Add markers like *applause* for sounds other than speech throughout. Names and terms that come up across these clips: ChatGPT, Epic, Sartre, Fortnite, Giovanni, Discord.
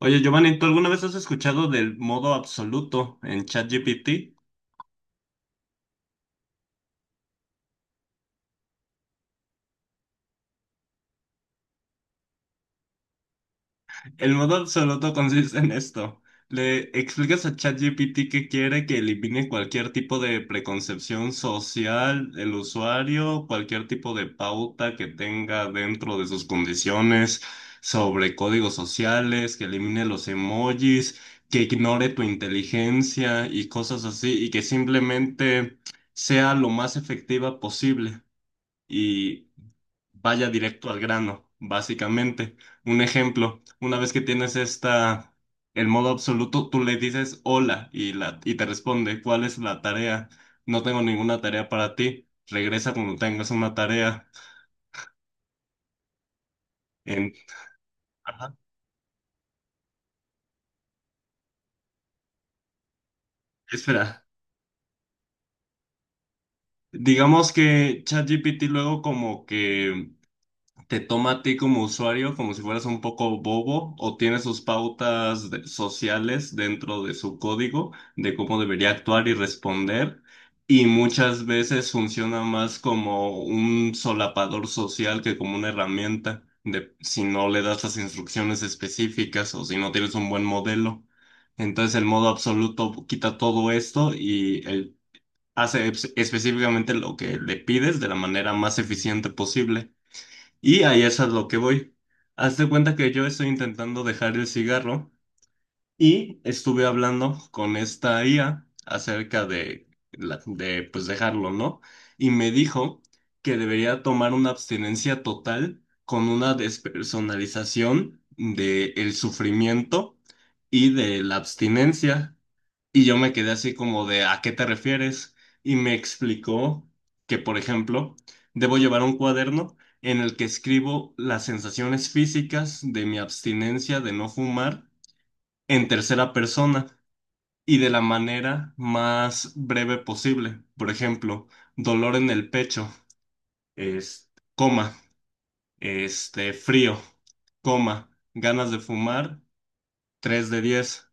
Oye, Giovanni, ¿tú alguna vez has escuchado del modo absoluto en ChatGPT? El modo absoluto consiste en esto. Le explicas a ChatGPT que quiere que elimine cualquier tipo de preconcepción social del usuario, cualquier tipo de pauta que tenga dentro de sus condiciones sobre códigos sociales, que elimine los emojis, que ignore tu inteligencia y cosas así, y que simplemente sea lo más efectiva posible y vaya directo al grano, básicamente. Un ejemplo, una vez que tienes esta, el modo absoluto, tú le dices hola y te responde, ¿cuál es la tarea? No tengo ninguna tarea para ti. Regresa cuando tengas una tarea. En, Ajá. Espera, digamos que ChatGPT luego como que te toma a ti como usuario como si fueras un poco bobo o tiene sus pautas sociales dentro de su código de cómo debería actuar y responder. Y muchas veces funciona más como un solapador social que como una herramienta de si no le das las instrucciones específicas o si no tienes un buen modelo. Entonces el modo absoluto quita todo esto y él hace específicamente lo que le pides de la manera más eficiente posible. Y ahí es a lo que voy. Haz de cuenta que yo estoy intentando dejar el cigarro y estuve hablando con esta IA acerca de pues dejarlo, ¿no? Y me dijo que debería tomar una abstinencia total con una despersonalización del sufrimiento y de la abstinencia. Y yo me quedé así como de, ¿a qué te refieres? Y me explicó que, por ejemplo, debo llevar un cuaderno en el que escribo las sensaciones físicas de mi abstinencia de no fumar en tercera persona y de la manera más breve posible. Por ejemplo, dolor en el pecho, es, coma, este, frío, coma, ganas de fumar, 3 de diez.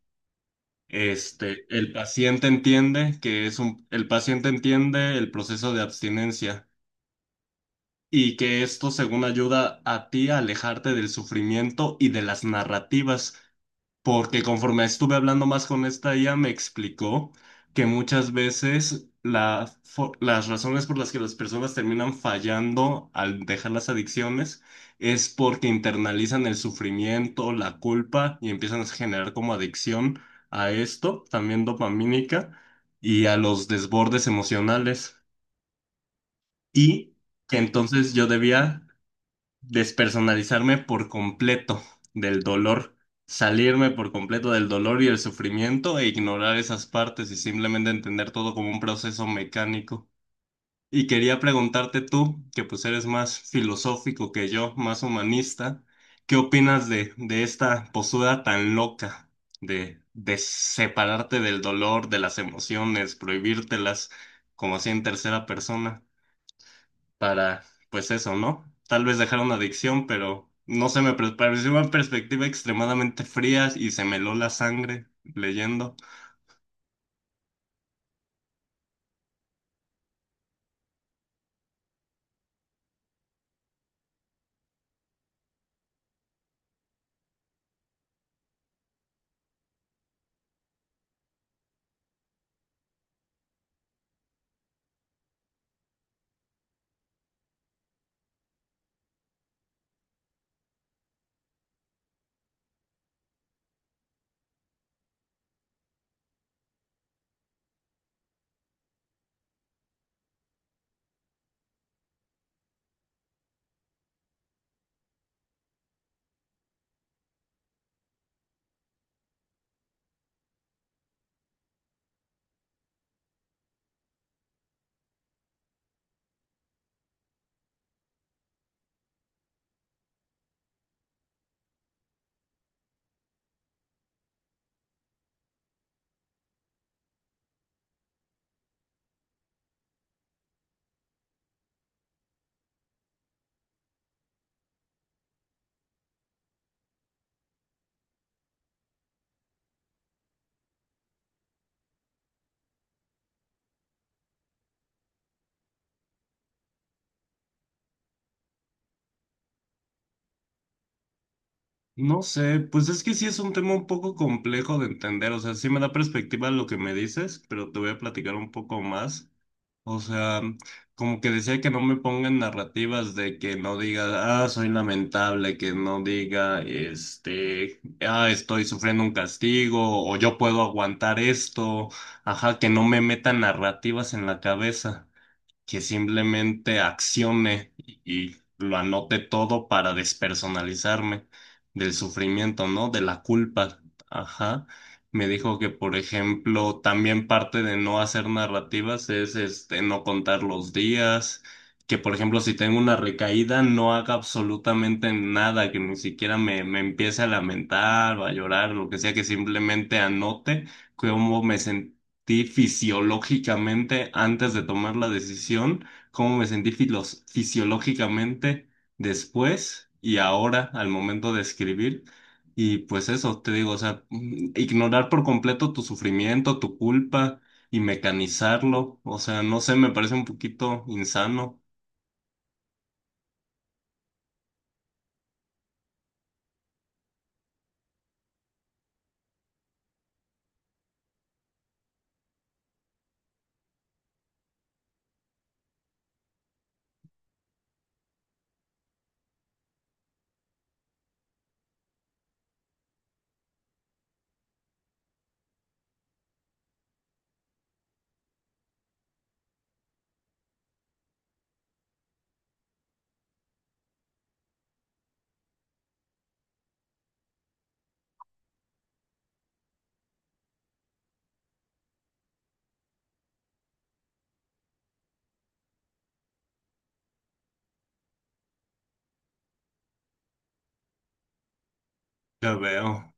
El paciente entiende el paciente entiende el proceso de abstinencia y que esto, según ayuda a ti a alejarte del sufrimiento y de las narrativas, porque conforme estuve hablando más con esta, ella me explicó que muchas veces las razones por las que las personas terminan fallando al dejar las adicciones es porque internalizan el sufrimiento, la culpa y empiezan a generar como adicción a esto, también dopamínica, y a los desbordes emocionales. Y que entonces yo debía despersonalizarme por completo del dolor, salirme por completo del dolor y el sufrimiento e ignorar esas partes y simplemente entender todo como un proceso mecánico. Y quería preguntarte tú, que pues eres más filosófico que yo, más humanista, ¿qué opinas de esta postura tan loca de separarte del dolor, de las emociones, prohibírtelas como así en tercera persona? Para, pues eso, ¿no? Tal vez dejar una adicción, pero no se me pareció una perspectiva extremadamente fría y se me heló la sangre leyendo. No sé, pues es que sí es un tema un poco complejo de entender, o sea, sí me da perspectiva lo que me dices, pero te voy a platicar un poco más. O sea, como que decía que no me pongan narrativas de que no diga, ah, soy lamentable, que no diga, ah, estoy sufriendo un castigo, o yo puedo aguantar esto, ajá, que no me metan narrativas en la cabeza que simplemente accione y lo anote todo para despersonalizarme del sufrimiento, ¿no? De la culpa. Ajá. Me dijo que, por ejemplo, también parte de no hacer narrativas es este no contar los días, que por ejemplo, si tengo una recaída, no haga absolutamente nada, que ni siquiera me empiece a lamentar o a llorar, lo que sea, que simplemente anote cómo me sentí fisiológicamente antes de tomar la decisión, cómo me sentí fisiológicamente después y ahora al momento de escribir. Y pues eso, te digo, o sea, ignorar por completo tu sufrimiento, tu culpa y mecanizarlo, o sea, no sé, me parece un poquito insano. Ya veo.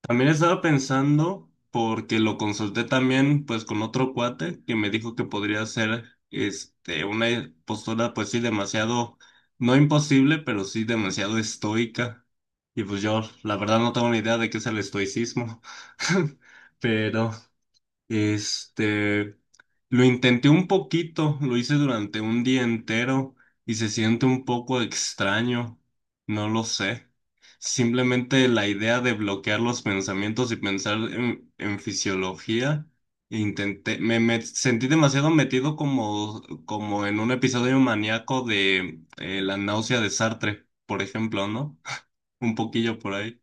También estaba pensando, porque lo consulté también, pues, con otro cuate que me dijo que podría ser, este, una postura, pues sí, demasiado, no imposible, pero sí demasiado estoica. Y pues yo, la verdad, no tengo ni idea de qué es el estoicismo, *laughs* pero este, lo intenté un poquito, lo hice durante un día entero y se siente un poco extraño, no lo sé. Simplemente la idea de bloquear los pensamientos y pensar en fisiología, intenté, me sentí demasiado metido como en un episodio maníaco de la náusea de Sartre, por ejemplo, ¿no? *laughs* Un poquillo por ahí.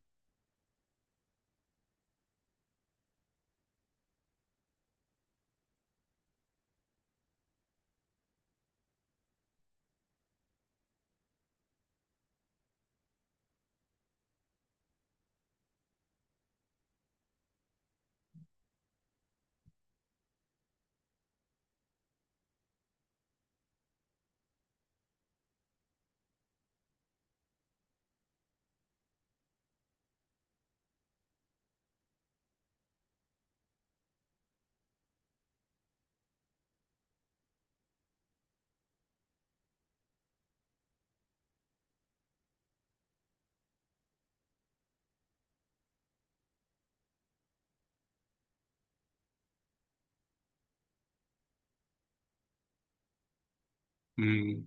Mm.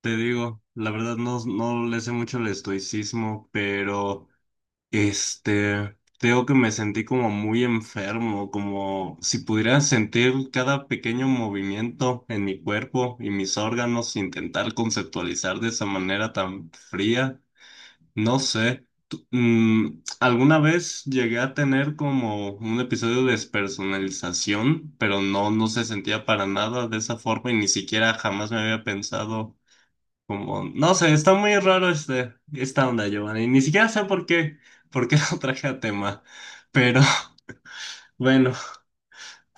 Te digo, la verdad no le sé mucho el estoicismo, pero este, te digo que me sentí como muy enfermo, como si pudiera sentir cada pequeño movimiento en mi cuerpo y mis órganos, intentar conceptualizar de esa manera tan fría, no sé. Alguna vez llegué a tener como un episodio de despersonalización, pero no se sentía para nada de esa forma y ni siquiera jamás me había pensado. Como, no sé, está muy raro esta onda, Giovanni. Ni siquiera sé por qué *laughs* lo traje a tema. Pero *laughs* bueno,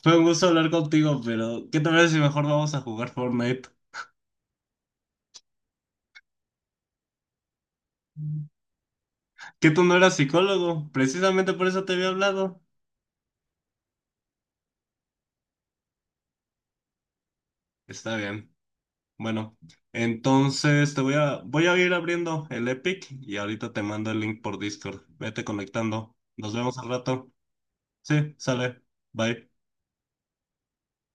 fue un gusto hablar contigo, pero ¿qué te parece si mejor vamos a jugar Fortnite? Que tú no eras psicólogo, precisamente por eso te había hablado. Está bien. Bueno, entonces te voy a ir abriendo el Epic y ahorita te mando el link por Discord. Vete conectando. Nos vemos al rato. Sí, sale. Bye.